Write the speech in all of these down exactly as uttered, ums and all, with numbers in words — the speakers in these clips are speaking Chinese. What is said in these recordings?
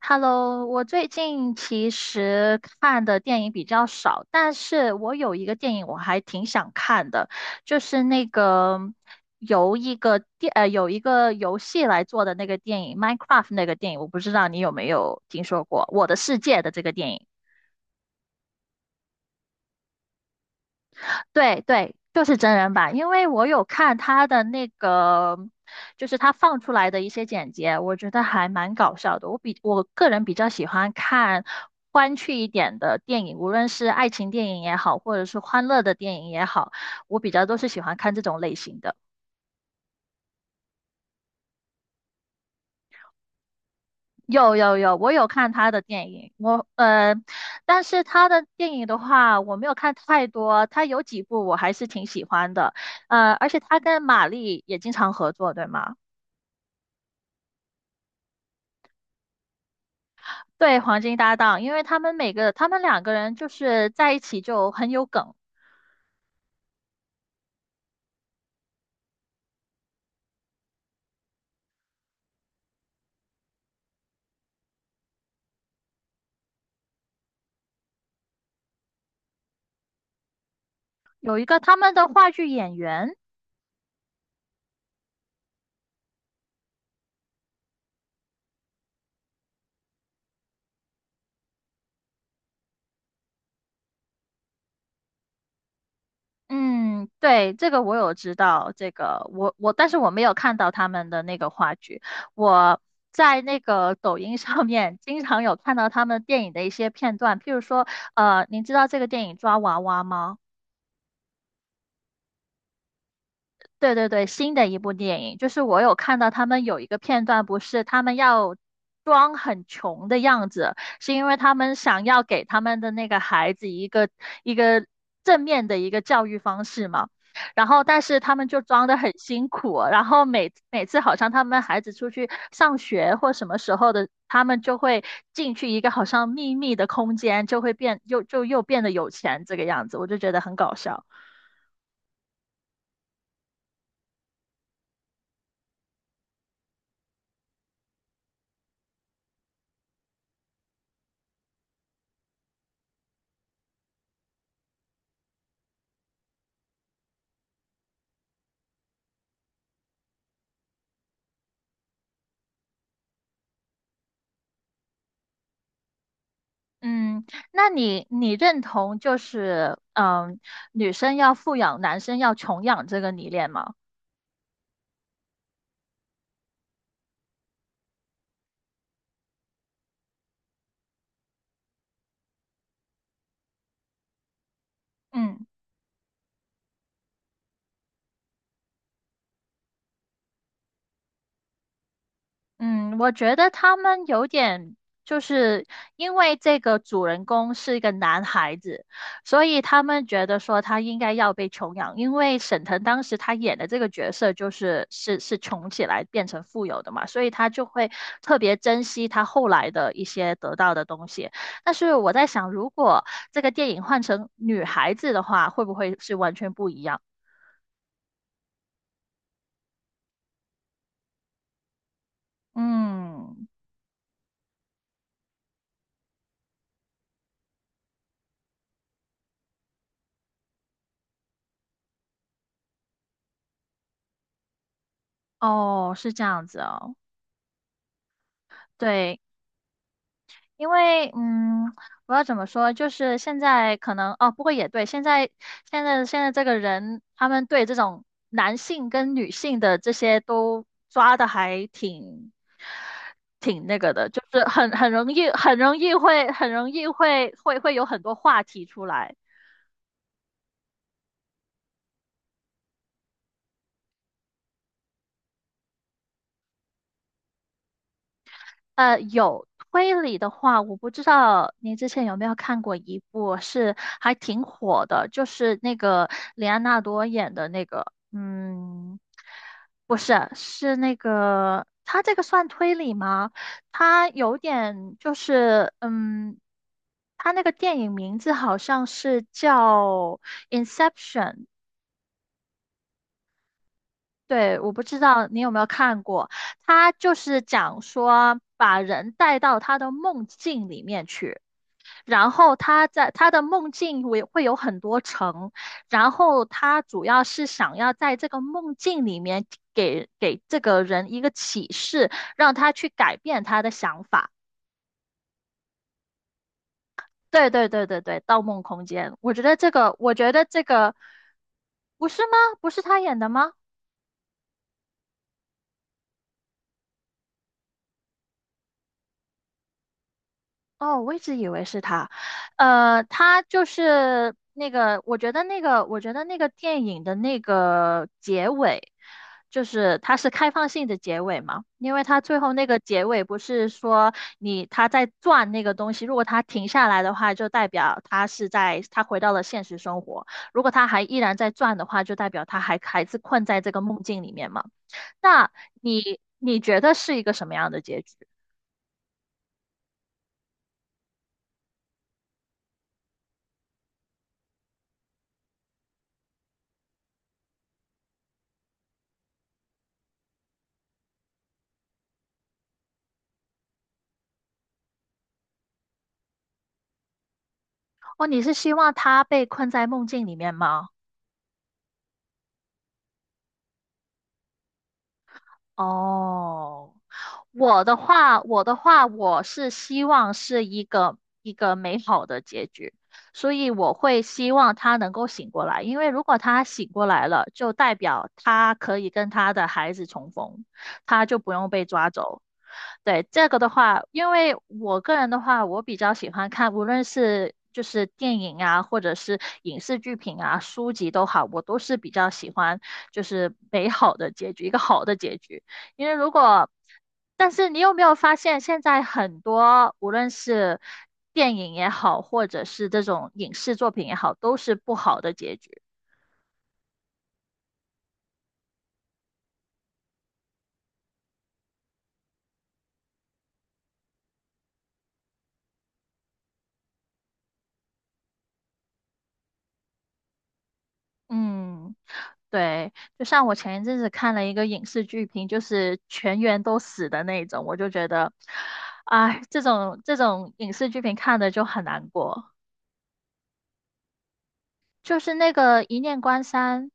Hello，我最近其实看的电影比较少，但是我有一个电影我还挺想看的，就是那个由一个电呃有一个游戏来做的那个电影《Minecraft》那个电影，我不知道你有没有听说过《我的世界》的这个电影。对对，就是真人版，因为我有看他的那个，就是他放出来的一些剪辑，我觉得还蛮搞笑的。我比我个人比较喜欢看欢趣一点的电影，无论是爱情电影也好，或者是欢乐的电影也好，我比较都是喜欢看这种类型的。有有有，我有看他的电影，我呃，但是他的电影的话，我没有看太多，他有几部我还是挺喜欢的，呃，而且他跟马丽也经常合作，对吗？对，黄金搭档，因为他们每个他们两个人就是在一起就很有梗。有一个他们的话剧演员，嗯，对，这个我有知道，这个我我，但是我没有看到他们的那个话剧。我在那个抖音上面经常有看到他们电影的一些片段，譬如说，呃，您知道这个电影《抓娃娃》吗？对对对，新的一部电影，就是我有看到他们有一个片段，不是他们要装很穷的样子，是因为他们想要给他们的那个孩子一个一个正面的一个教育方式嘛。然后，但是他们就装的很辛苦，然后每每次好像他们孩子出去上学或什么时候的，他们就会进去一个好像秘密的空间，就会变又就又变得有钱这个样子，我就觉得很搞笑。嗯，那你你认同就是嗯，女生要富养，男生要穷养这个理念吗？嗯。嗯，我觉得他们有点，就是因为这个主人公是一个男孩子，所以他们觉得说他应该要被穷养，因为沈腾当时他演的这个角色就是是是穷起来变成富有的嘛，所以他就会特别珍惜他后来的一些得到的东西。但是我在想，如果这个电影换成女孩子的话，会不会是完全不一样？嗯，哦，是这样子哦。对，因为，嗯，我要怎么说？就是现在可能哦，不过也对，现在现在现在这个人，他们对这种男性跟女性的这些都抓的还挺挺那个的，就是很很容易很容易会很容易会会会有很多话题出来。呃，有推理的话，我不知道您之前有没有看过一部是还挺火的，就是那个里安纳多演的那个，嗯，不是，是那个他这个算推理吗？他有点就是，嗯，他那个电影名字好像是叫《Inception》,对，我不知道你有没有看过，他就是讲说把人带到他的梦境里面去，然后他在他的梦境会会有很多层，然后他主要是想要在这个梦境里面给给这个人一个启示，让他去改变他的想法。对对对对对，《盗梦空间》，我觉得这个，我觉得这个不是吗？不是他演的吗？哦，我一直以为是他，呃，他就是那个，我觉得那个，我觉得那个电影的那个结尾，就是它是开放性的结尾嘛，因为它最后那个结尾不是说你他在转那个东西，如果他停下来的话，就代表他是在他回到了现实生活，如果他还依然在转的话，就代表他还还是困在这个梦境里面嘛。那你你觉得是一个什么样的结局？哦，你是希望他被困在梦境里面吗？哦，我的话，我的话，我是希望是一个一个美好的结局，所以我会希望他能够醒过来，因为如果他醒过来了，就代表他可以跟他的孩子重逢，他就不用被抓走。对，这个的话，因为我个人的话，我比较喜欢看，无论是就是电影啊，或者是影视剧品啊、书籍都好，我都是比较喜欢就是美好的结局，一个好的结局。因为如果，但是你有没有发现，现在很多无论是电影也好，或者是这种影视作品也好，都是不好的结局。嗯，对，就像我前一阵子看了一个影视剧评，就是全员都死的那种，我就觉得，哎，这种这种影视剧评看的就很难过。就是那个《一念关山》，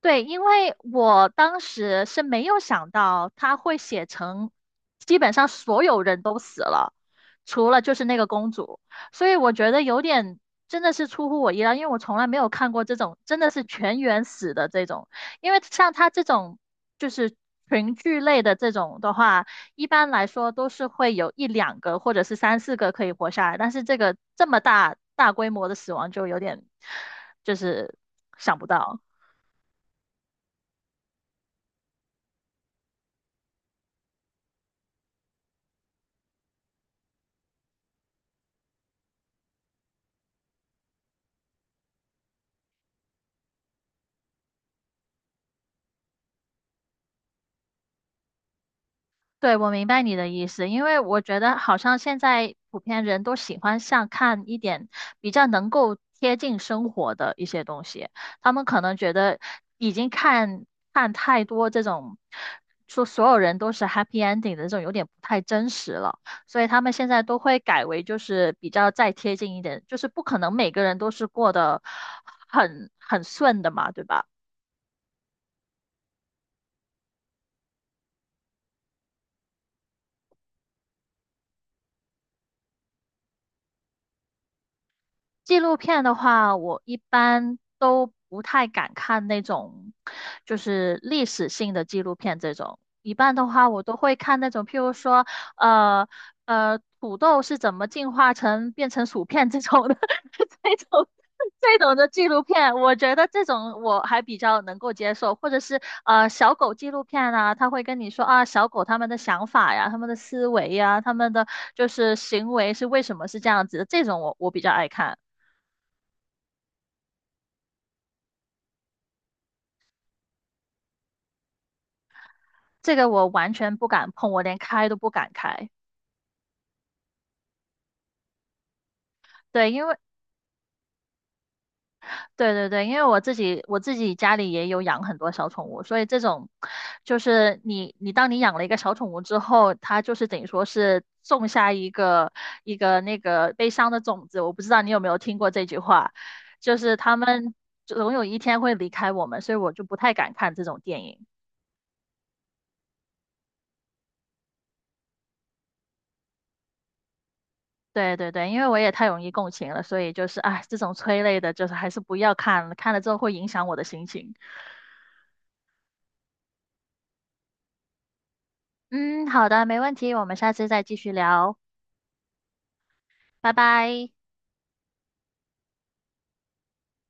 对，因为我当时是没有想到他会写成，基本上所有人都死了，除了就是那个公主，所以我觉得有点真的是出乎我意料，因为我从来没有看过这种真的是全员死的这种，因为像他这种就是群聚类的这种的话，一般来说都是会有一两个或者是三四个可以活下来，但是这个这么大大规模的死亡就有点就是想不到。对，我明白你的意思，因为我觉得好像现在普遍人都喜欢像看一点比较能够贴近生活的一些东西，他们可能觉得已经看看太多这种说所有人都是 happy ending 的这种有点不太真实了，所以他们现在都会改为就是比较再贴近一点，就是不可能每个人都是过得很很顺的嘛，对吧？纪录片的话，我一般都不太敢看那种，就是历史性的纪录片这种。一般的话，我都会看那种，譬如说，呃呃，土豆是怎么进化成变成薯片这种的，这种这种的纪录片，我觉得这种我还比较能够接受，或者是呃小狗纪录片啊，他会跟你说啊，小狗他们的想法呀，他们的思维呀，他们的就是行为是为什么是这样子的，这种我我比较爱看。这个我完全不敢碰，我连开都不敢开。对，因为对对对，因为我自己我自己家里也有养很多小宠物，所以这种就是你你当你养了一个小宠物之后，它就是等于说是种下一个一个那个悲伤的种子。我不知道你有没有听过这句话，就是他们总有一天会离开我们，所以我就不太敢看这种电影。对对对，因为我也太容易共情了，所以就是哎，这种催泪的，就是还是不要看了，看了之后会影响我的心情。嗯，好的，没问题，我们下次再继续聊，拜拜。